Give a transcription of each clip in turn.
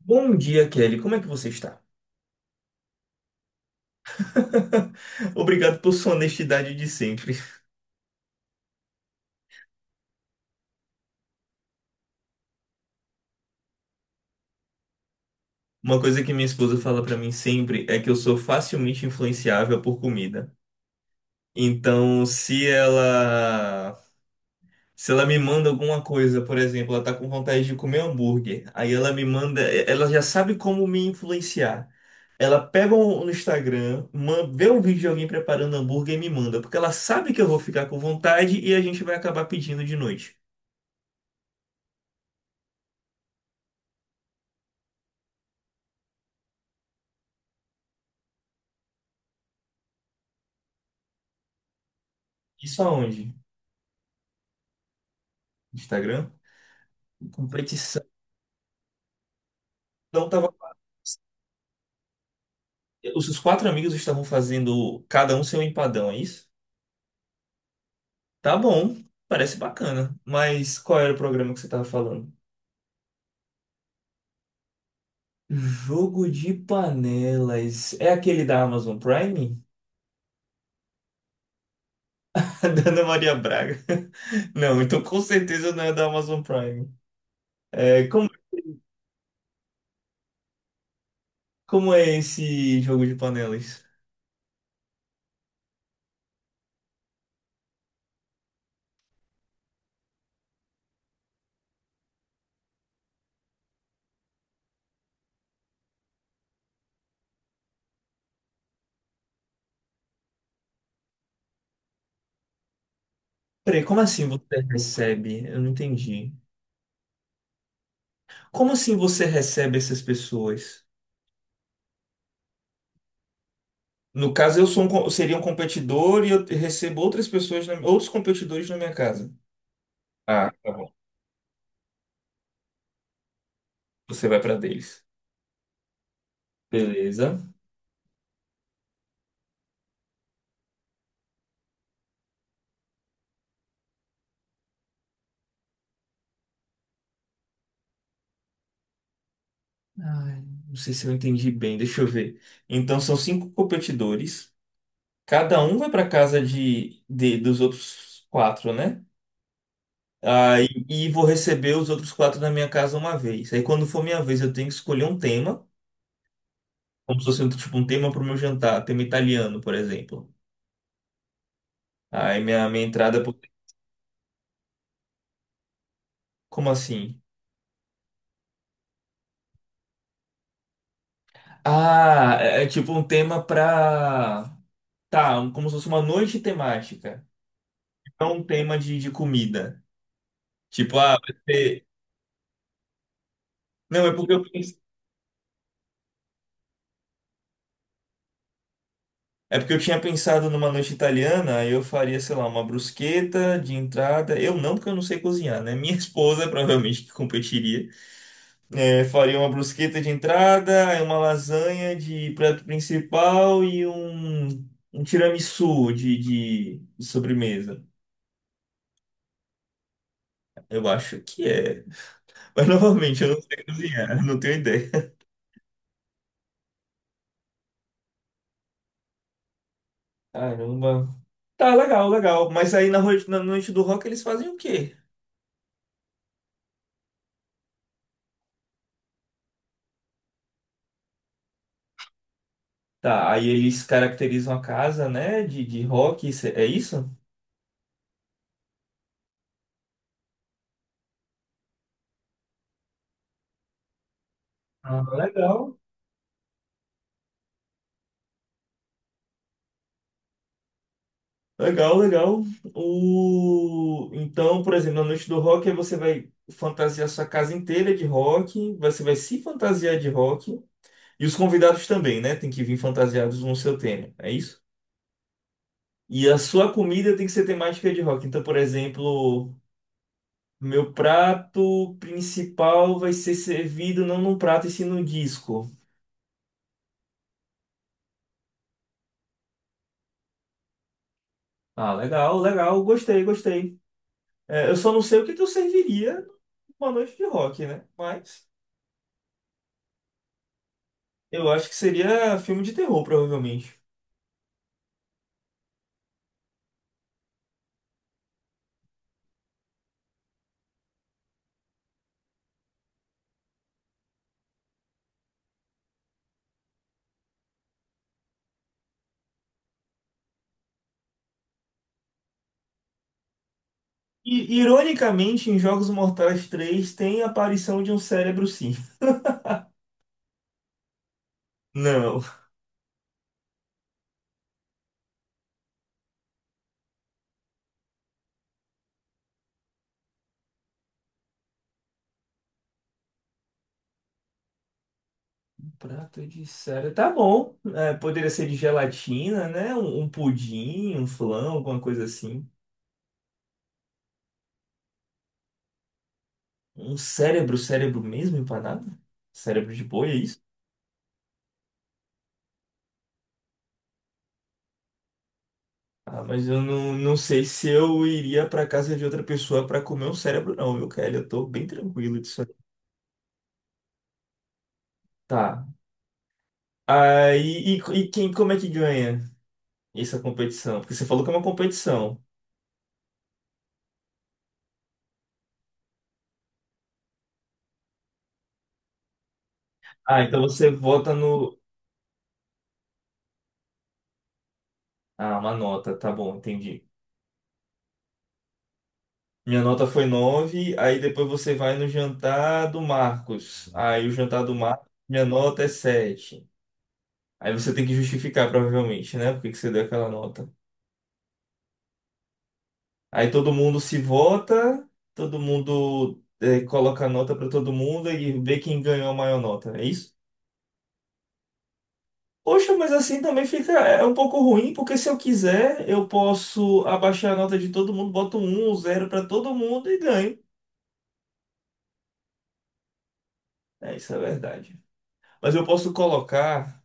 Bom dia, Kelly. Como é que você está? Obrigado por sua honestidade de sempre. Uma coisa que minha esposa fala pra mim sempre é que eu sou facilmente influenciável por comida. Então, se ela me manda alguma coisa, por exemplo, ela tá com vontade de comer hambúrguer, aí ela me manda, ela já sabe como me influenciar. Ela pega no Instagram, vê um vídeo de alguém preparando hambúrguer e me manda, porque ela sabe que eu vou ficar com vontade e a gente vai acabar pedindo de noite. Isso aonde? Instagram? Competição. Então tava. Os quatro amigos estavam fazendo cada um seu empadão, é isso? Tá bom, parece bacana. Mas qual era o programa que você tava falando? Jogo de panelas. É aquele da Amazon Prime? Da Ana Maria Braga. Não, então com certeza não é da Amazon Prime. É, como é esse jogo de panelas? Peraí, como assim você recebe? Eu não entendi. Como assim você recebe essas pessoas? No caso, eu sou um, co- seria um competidor e eu recebo outras pessoas, outros competidores na minha casa. Ah, tá bom. Você vai para deles. Beleza. Ai, não sei se eu entendi bem, deixa eu ver. Então são cinco competidores. Cada um vai para casa dos outros quatro, né? Ah, e vou receber os outros quatro na minha casa uma vez. Aí quando for minha vez, eu tenho que escolher um tema, como se fosse um, tipo um tema para o meu jantar, tema italiano, por exemplo. Aí minha entrada Como assim? Ah, é tipo um tema pra. Tá, como se fosse uma noite temática. Não um tema de comida. Tipo, ah, vai ser. Não, é porque eu tinha pensado numa noite italiana, aí eu faria, sei lá, uma brusqueta de entrada. Eu não, porque eu não sei cozinhar, né? Minha esposa provavelmente que competiria. É, faria uma brusqueta de entrada, aí uma lasanha de prato principal e um tiramisu de sobremesa. Eu acho que é. Mas novamente, eu não sei cozinhar, eu não tenho ideia. Caramba. Tá, legal, legal. Mas aí na noite do rock eles fazem o quê? Tá, aí eles caracterizam a casa, né, de rock, é isso? Ah, legal. Legal, legal. Então, por exemplo, na noite do rock aí você vai fantasiar sua casa inteira de rock, você vai se fantasiar de rock, e os convidados também, né, tem que vir fantasiados no seu tema, é isso? E a sua comida tem que ser temática de rock. Então, por exemplo. Meu prato principal vai ser servido não num prato e sim num disco. Ah, legal, legal, gostei, gostei. É, eu só não sei o que que eu serviria numa noite de rock, né? Mas eu acho que seria filme de terror, provavelmente. E, ironicamente, em Jogos Mortais 3 tem a aparição de um cérebro, sim. Não. Um prato de cérebro. Tá bom. É, poderia ser de gelatina, né? Um pudim, um flan, alguma coisa assim. Um cérebro, cérebro mesmo empanado? Cérebro de boi, é isso? Ah, mas eu não sei se eu iria pra casa de outra pessoa pra comer um cérebro, não, viu, Kelly? Eu tô bem tranquilo disso aí. Tá. Aí, e quem, como é que ganha essa competição? Porque você falou que é uma competição. Ah, então você vota no. Ah, uma nota, tá bom, entendi. Minha nota foi nove. Aí depois você vai no jantar do Marcos. Aí o jantar do Marcos, minha nota é sete. Aí você tem que justificar, provavelmente, né? Por que que você deu aquela nota. Aí todo mundo se vota, todo mundo coloca a nota para todo mundo e vê quem ganhou a maior nota. É isso? Poxa, mas assim também fica. É um pouco ruim, porque se eu quiser, eu posso abaixar a nota de todo mundo, boto um zero para todo mundo e ganho. É, isso é verdade. Mas eu posso colocar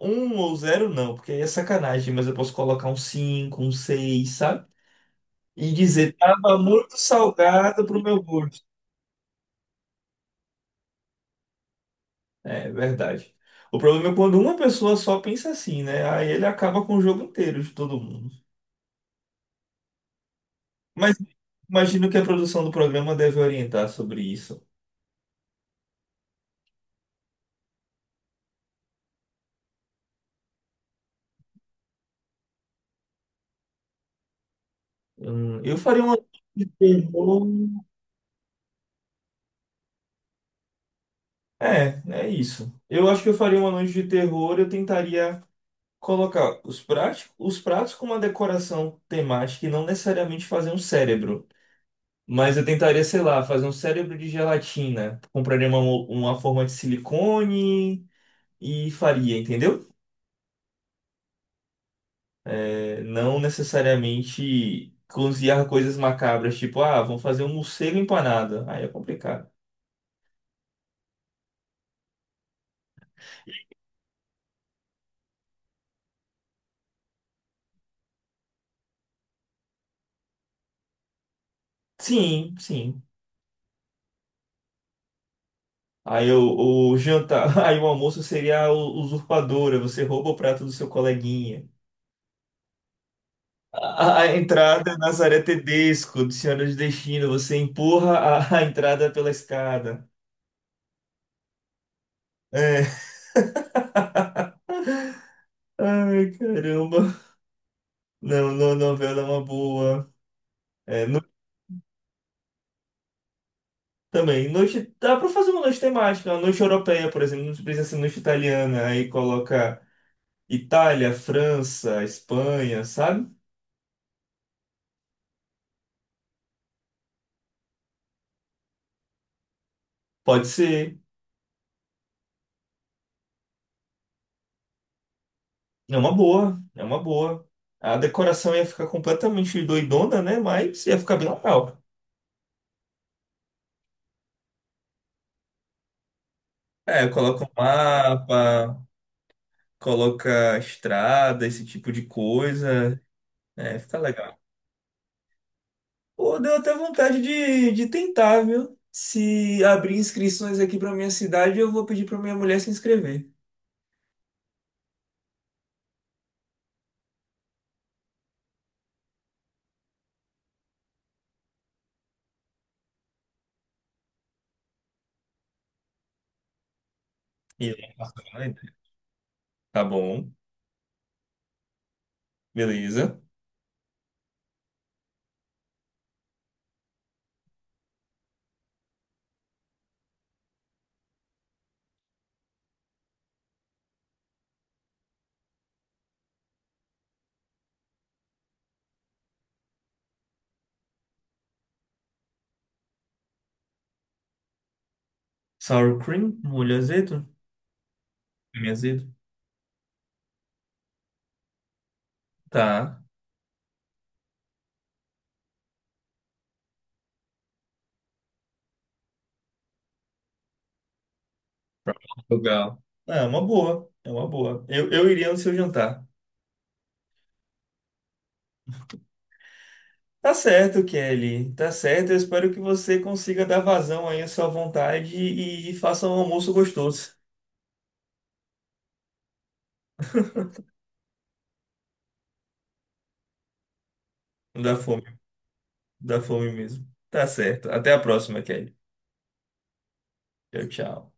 um ou zero, não, porque aí é sacanagem, mas eu posso colocar um cinco, um seis, sabe? E dizer, tava muito salgado pro meu gosto. É verdade. O problema é quando uma pessoa só pensa assim, né? Aí ele acaba com o jogo inteiro de todo mundo. Mas imagino que a produção do programa deve orientar sobre isso. Eu faria uma noite de terror. É, é isso. Eu acho que eu faria uma noite de terror. Eu tentaria colocar os pratos com uma decoração temática e não necessariamente fazer um cérebro. Mas eu tentaria, sei lá, fazer um cérebro de gelatina. Compraria uma forma de silicone e faria, entendeu? Não necessariamente cozinhar coisas macabras, tipo, ah, vamos fazer um morcego empanado. Aí é complicado. Sim, sim. Aí o jantar, aí o almoço seria a usurpadora, você rouba o prato do seu coleguinha. A entrada é Nazaré Tedesco, do Senhora de Destino, você empurra a, a entrada pela escada. É. Ai, caramba. Não, não, novela é uma boa. É, também, noite, dá pra fazer uma noite temática, uma noite europeia, por exemplo, não precisa ser noite italiana, aí coloca Itália, França, Espanha, sabe? Pode ser, é uma boa, é uma boa. A decoração ia ficar completamente doidona, né? Mas ia ficar bem legal. É, coloca um mapa, coloca estrada, esse tipo de coisa, é, fica legal. Pô, deu até vontade de tentar, viu? Se abrir inscrições aqui pra minha cidade, eu vou pedir pra minha mulher se inscrever. E aí, passa pra dentro. Tá bom, beleza. Sour cream, molho azedo, creme azedo. Tá, legal. Ah, é uma boa, é uma boa. Eu iria no seu jantar. Tá certo, Kelly, tá certo. Eu espero que você consiga dar vazão aí à sua vontade e faça um almoço gostoso. Não dá fome, não dá fome mesmo. Tá certo. Até a próxima, Kelly. Tchau, tchau.